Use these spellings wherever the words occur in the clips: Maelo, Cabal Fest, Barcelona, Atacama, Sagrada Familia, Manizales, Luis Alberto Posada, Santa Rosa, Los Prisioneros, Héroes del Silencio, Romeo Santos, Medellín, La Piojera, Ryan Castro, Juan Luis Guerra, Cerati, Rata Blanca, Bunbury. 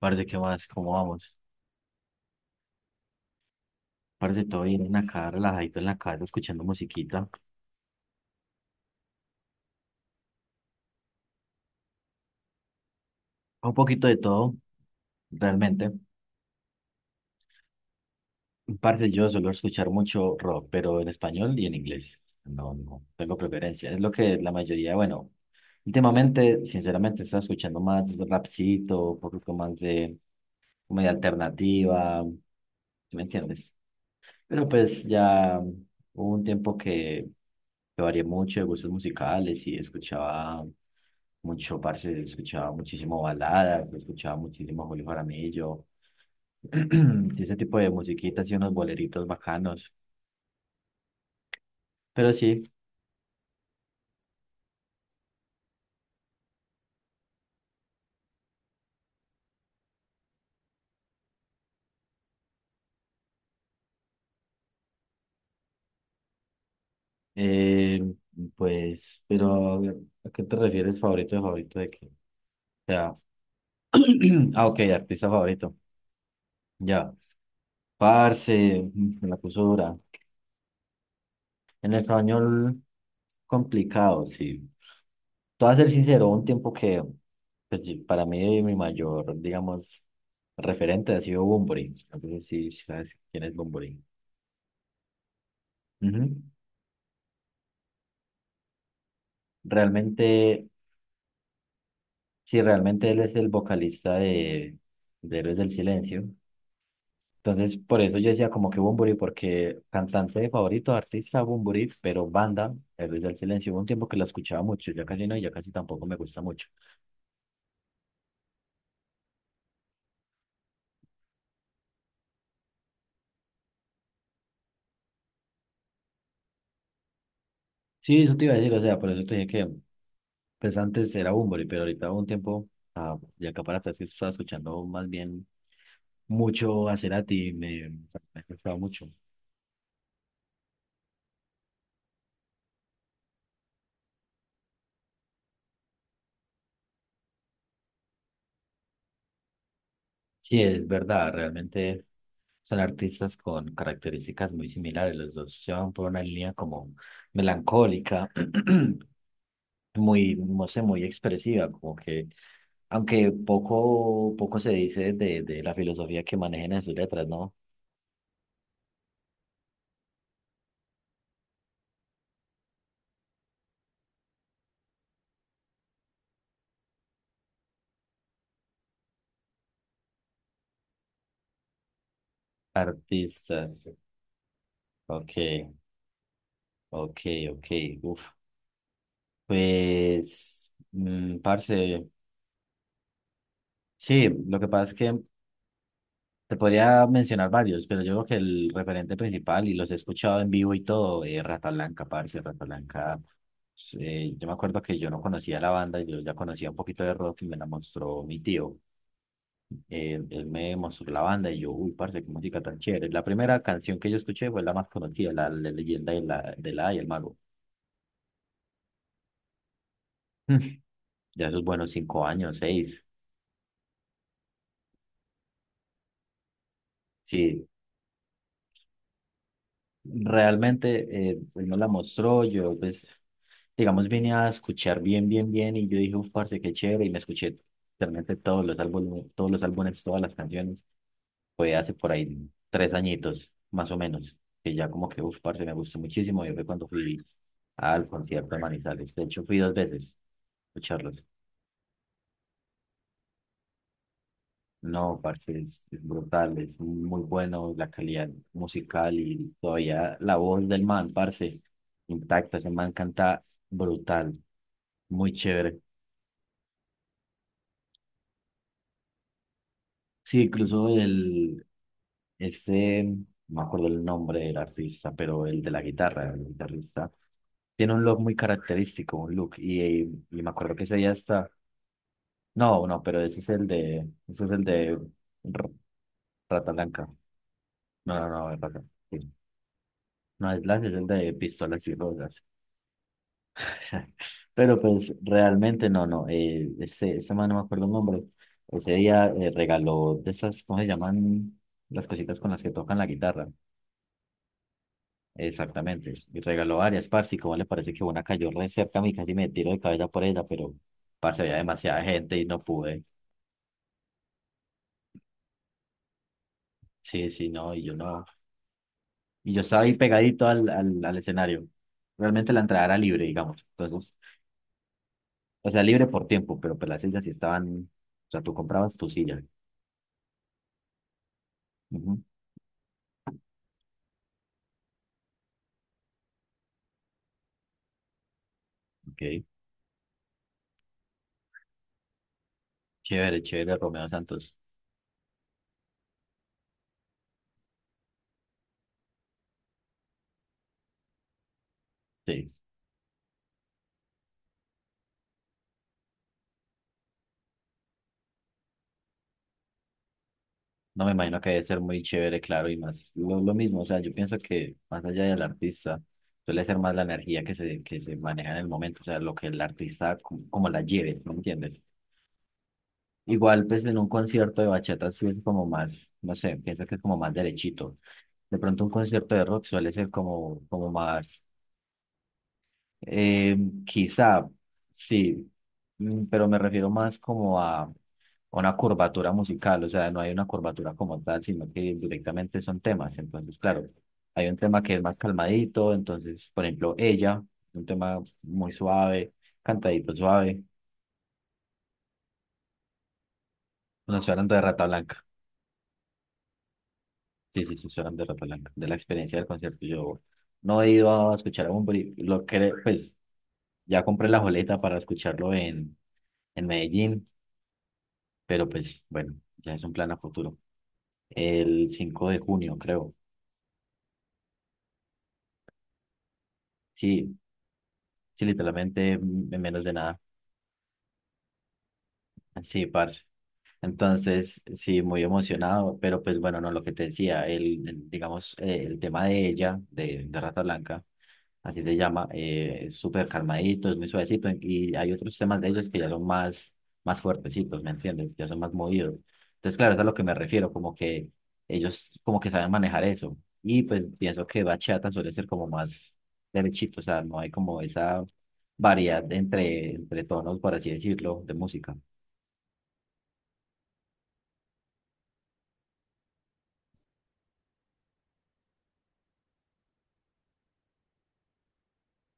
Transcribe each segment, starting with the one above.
Parce, ¿qué más? ¿Cómo vamos? Parce, todo bien acá, relajadito en la casa, escuchando musiquita. Un poquito de todo, realmente. Parce, yo suelo escuchar mucho rock, pero en español y en inglés. No, no tengo preferencia. Es lo que la mayoría, bueno, últimamente, sinceramente, está escuchando más rapcito, un poquito más de comedia alternativa. ¿Sí me entiendes? Pero pues ya hubo un tiempo que varié mucho de gustos musicales y escuchaba mucho, parce, escuchaba muchísimo balada, escuchaba muchísimo Julio Jaramillo, y ese tipo de musiquitas y unos boleritos bacanos. Pero sí, eh, pues, pero ¿a qué te refieres, favorito de qué? O sea, ah, ok, artista favorito. Ya, parce, me la puso dura. En español, complicado, sí. Te voy a ser sincero, un tiempo que pues, para mí mi mayor, digamos, referente ha sido Bunbury. Entonces sí, sabes quién es Bunbury. Ujú. Realmente, sí, realmente él es el vocalista de Héroes del Silencio. Entonces, por eso yo decía como que Bunbury, porque cantante favorito, artista Bunbury, pero banda, Héroes del Silencio. Hubo un tiempo que la escuchaba mucho, ya casi no, y ya casi tampoco me gusta mucho. Sí, eso te iba a decir, o sea, por eso te dije que pues antes era Bunbury, pero ahorita hubo un tiempo, de Acaparata, es que estaba escuchando más bien mucho a Cerati, me gustaba mucho. Sí, es verdad, realmente son artistas con características muy similares, los dos se van por una línea como melancólica, muy, no sé, muy expresiva, como que, aunque poco, poco se dice de la filosofía que manejan en sus letras, ¿no? Artistas, ok, ok, ok, uf. Pues, parce, sí, lo que pasa es que te podría mencionar varios, pero yo creo que el referente principal, y los he escuchado en vivo y todo, es Rata Blanca, parce, Rata Blanca. Yo me acuerdo que yo no conocía la banda, yo ya conocía un poquito de rock y me la mostró mi tío. Él me mostró la banda y yo, uy, parce, qué música tan chévere. La primera canción que yo escuché fue la más conocida, la leyenda de la y el mago. Ya esos buenos 5 años, seis. Sí, realmente él me la mostró, yo pues, digamos, vine a escuchar bien, bien, bien, y yo dije, uff, parce, qué chévere, y me escuché realmente todos los álbumes, todas las canciones. Fue hace por ahí 3 añitos, más o menos, que ya como que, uff, parce, me gustó muchísimo. Yo, fue cuando fui al concierto de Manizales, de hecho fui dos veces a escucharlos. No, parce, es brutal, es muy bueno la calidad musical, y todavía la voz del man, parce, intacta, ese man canta brutal, muy chévere. Sí, incluso ese, no me acuerdo el nombre del artista, pero el de la guitarra, el guitarrista, tiene un look muy característico, un look, y me acuerdo que ese día está, no, no, pero ese es el de, ese es el de R- Rata Blanca, no, no, no, el Rata, sí. No, es el de Pistolas y Rosas. Pero pues realmente no, no. Ese man, no me acuerdo el nombre. Ese día, regaló de esas, ¿cómo se llaman? Las cositas con las que tocan la guitarra. Exactamente. Y regaló varias, parce. Y como le parece que una cayó re cerca a mí, casi me tiro de cabeza por ella, pero parce, había demasiada gente y no pude. Sí, sí, no. Y yo no. Y yo estaba ahí pegadito al escenario. Realmente la entrada era libre, digamos. Entonces, o sea, libre por tiempo, pero pues las sillas sí estaban. O sea, tú comprabas tu silla. Ujú, ok. Chévere, chévere, Romeo Santos. Sí, no me imagino, que debe ser muy chévere, claro, y más lo mismo, o sea, yo pienso que más allá del artista, suele ser más la energía que se maneja en el momento, o sea, lo que el artista, como la lleves, ¿no entiendes? Igual, pues en un concierto de bachata sí es como más, no sé, pienso que es como más derechito. De pronto un concierto de rock suele ser como, más... Eh, Quizá, sí, pero me refiero más como a una curvatura musical. O sea, no hay una curvatura como tal, sino que directamente son temas. Entonces, claro, hay un tema que es más calmadito. Entonces, por ejemplo, ella, un tema muy suave, cantadito suave. No, estoy hablando de Rata Blanca. Sí, sí, sí, estoy hablando de Rata Blanca, de la experiencia del concierto. Yo no he ido a escuchar a Bunbury, lo que, pues, ya compré la boleta para escucharlo en Medellín. Pero pues bueno, ya es un plan a futuro. El 5 de junio, creo. Sí, sí, literalmente en menos de nada. Sí, parce. Entonces, sí, muy emocionado, pero pues bueno, no, lo que te decía, digamos, el tema de ella, de Rata Blanca, así se llama, es súper calmadito, es muy suavecito, y hay otros temas de ellos que ya son más fuertecitos, ¿me entiendes? Ya son más movidos. Entonces, claro, es a lo que me refiero, como que ellos como que saben manejar eso, y pues pienso que bachata suele ser como más derechito. O sea, no hay como esa variedad entre tonos, por así decirlo, de música.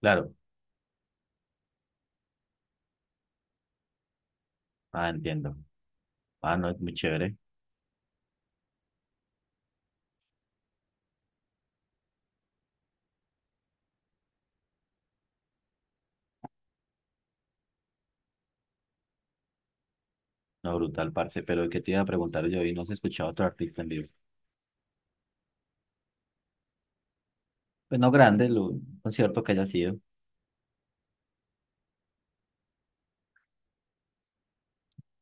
Claro, ah, entiendo. Ah, no, es muy chévere. No, brutal, parce. Pero ¿qué te iba a preguntar yo? Y no has escuchado otro artista en vivo. Pues no grande, un concierto que haya sido.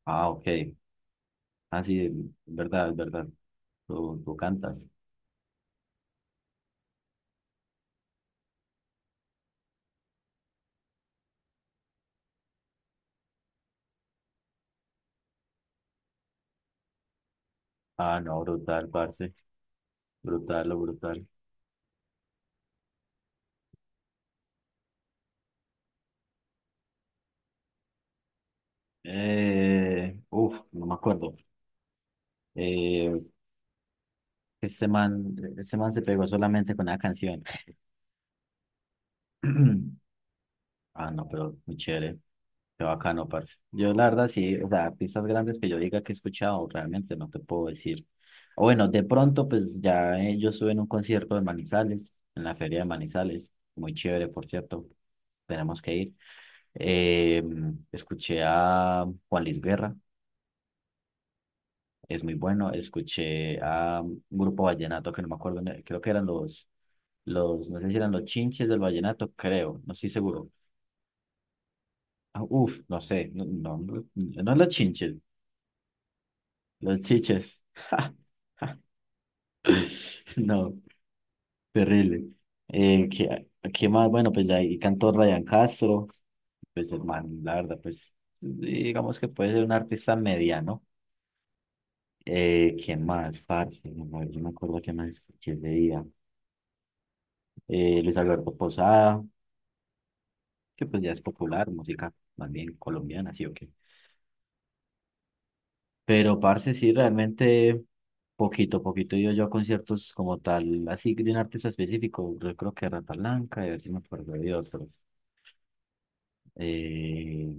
Ah, ok. Ah, sí, es verdad, es verdad. Tú cantas. Ah, no, brutal, parce. Brutal, lo brutal. Uf, no me acuerdo. Eh, ese man se pegó solamente con una canción. Ah, no, pero muy chévere. Qué bacano, parce. Yo, la verdad, sí, o sea, artistas grandes que yo diga que he escuchado, realmente no te puedo decir. O bueno, de pronto, pues ya, yo estuve en un concierto de Manizales, en la feria de Manizales, muy chévere, por cierto, tenemos que ir. Eh, escuché a Juan Luis Guerra, es muy bueno. Escuché a un grupo vallenato que no me acuerdo, creo que eran no sé si eran los Chinches del Vallenato, creo, no estoy seguro. Ah, uf, no sé, no, no, no, no los chinches, los chiches. No, terrible. Eh, ¿qué, qué más? Bueno, pues ahí cantó Ryan Castro, pues hermano, la verdad, pues digamos que puede ser un artista mediano. ¿Qué más, parce? No, no, yo no me acuerdo qué más escuché ese día. Luis Alberto Posada, que pues ya es popular, música más bien colombiana, ¿sí o qué? Pero, parce, sí, realmente poquito, poquito he ido yo a conciertos como tal, así de un artista específico. Yo creo que Rata Blanca, y a ver si me acuerdo de otros. Eh,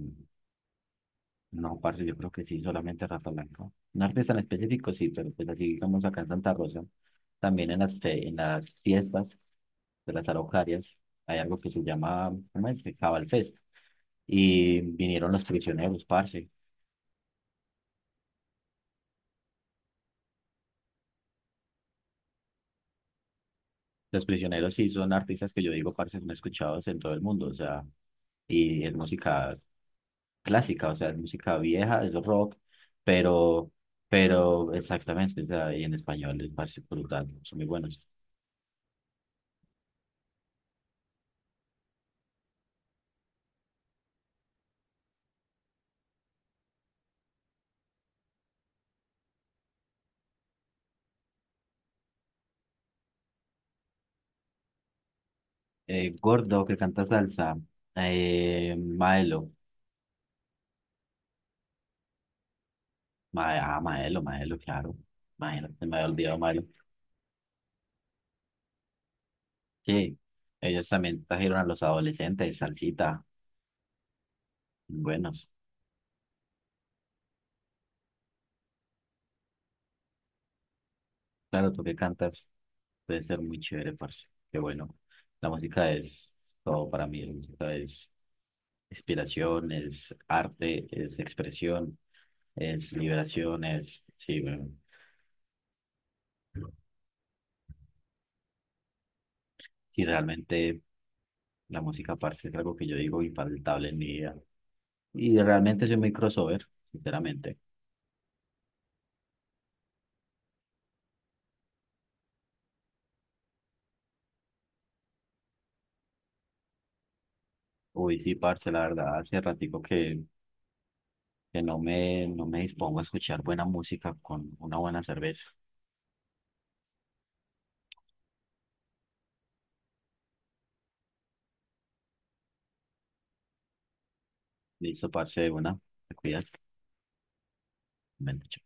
no, parce, yo creo que sí, solamente Rata Blanca. Un artista en específico, sí, pero pues así digamos acá en Santa Rosa, también en en las fiestas de las araucarias, hay algo que se llama, ¿cómo es? Cabal Fest. Y vinieron Los Prisioneros, parce. Los Prisioneros sí son artistas que yo digo, parce, son escuchados en todo el mundo, o sea, y es música clásica, o sea, es música vieja, es rock, pero, pero, exactamente, o sea, y en español es, parce, brutal, son muy buenos. Gordo, que canta salsa, Maelo, Maelo, Maelo, claro, Maelo, se me había olvidado Maelo. Sí, ellos también trajeron a los adolescentes, salsita, buenos. Claro, tú que cantas, puede ser muy chévere, parce. Qué bueno. La música es todo para mí. La música es inspiración, es arte, es expresión, es liberación, es... Sí, bueno. Sí, realmente la música, parce, es algo que yo digo infaltable en mi vida. Y realmente soy muy crossover, sinceramente. Uy, sí, parce, la verdad, hace ratico que no me dispongo a escuchar buena música con una buena cerveza. Listo, parce, de una. Te cuidas. Bueno, chao.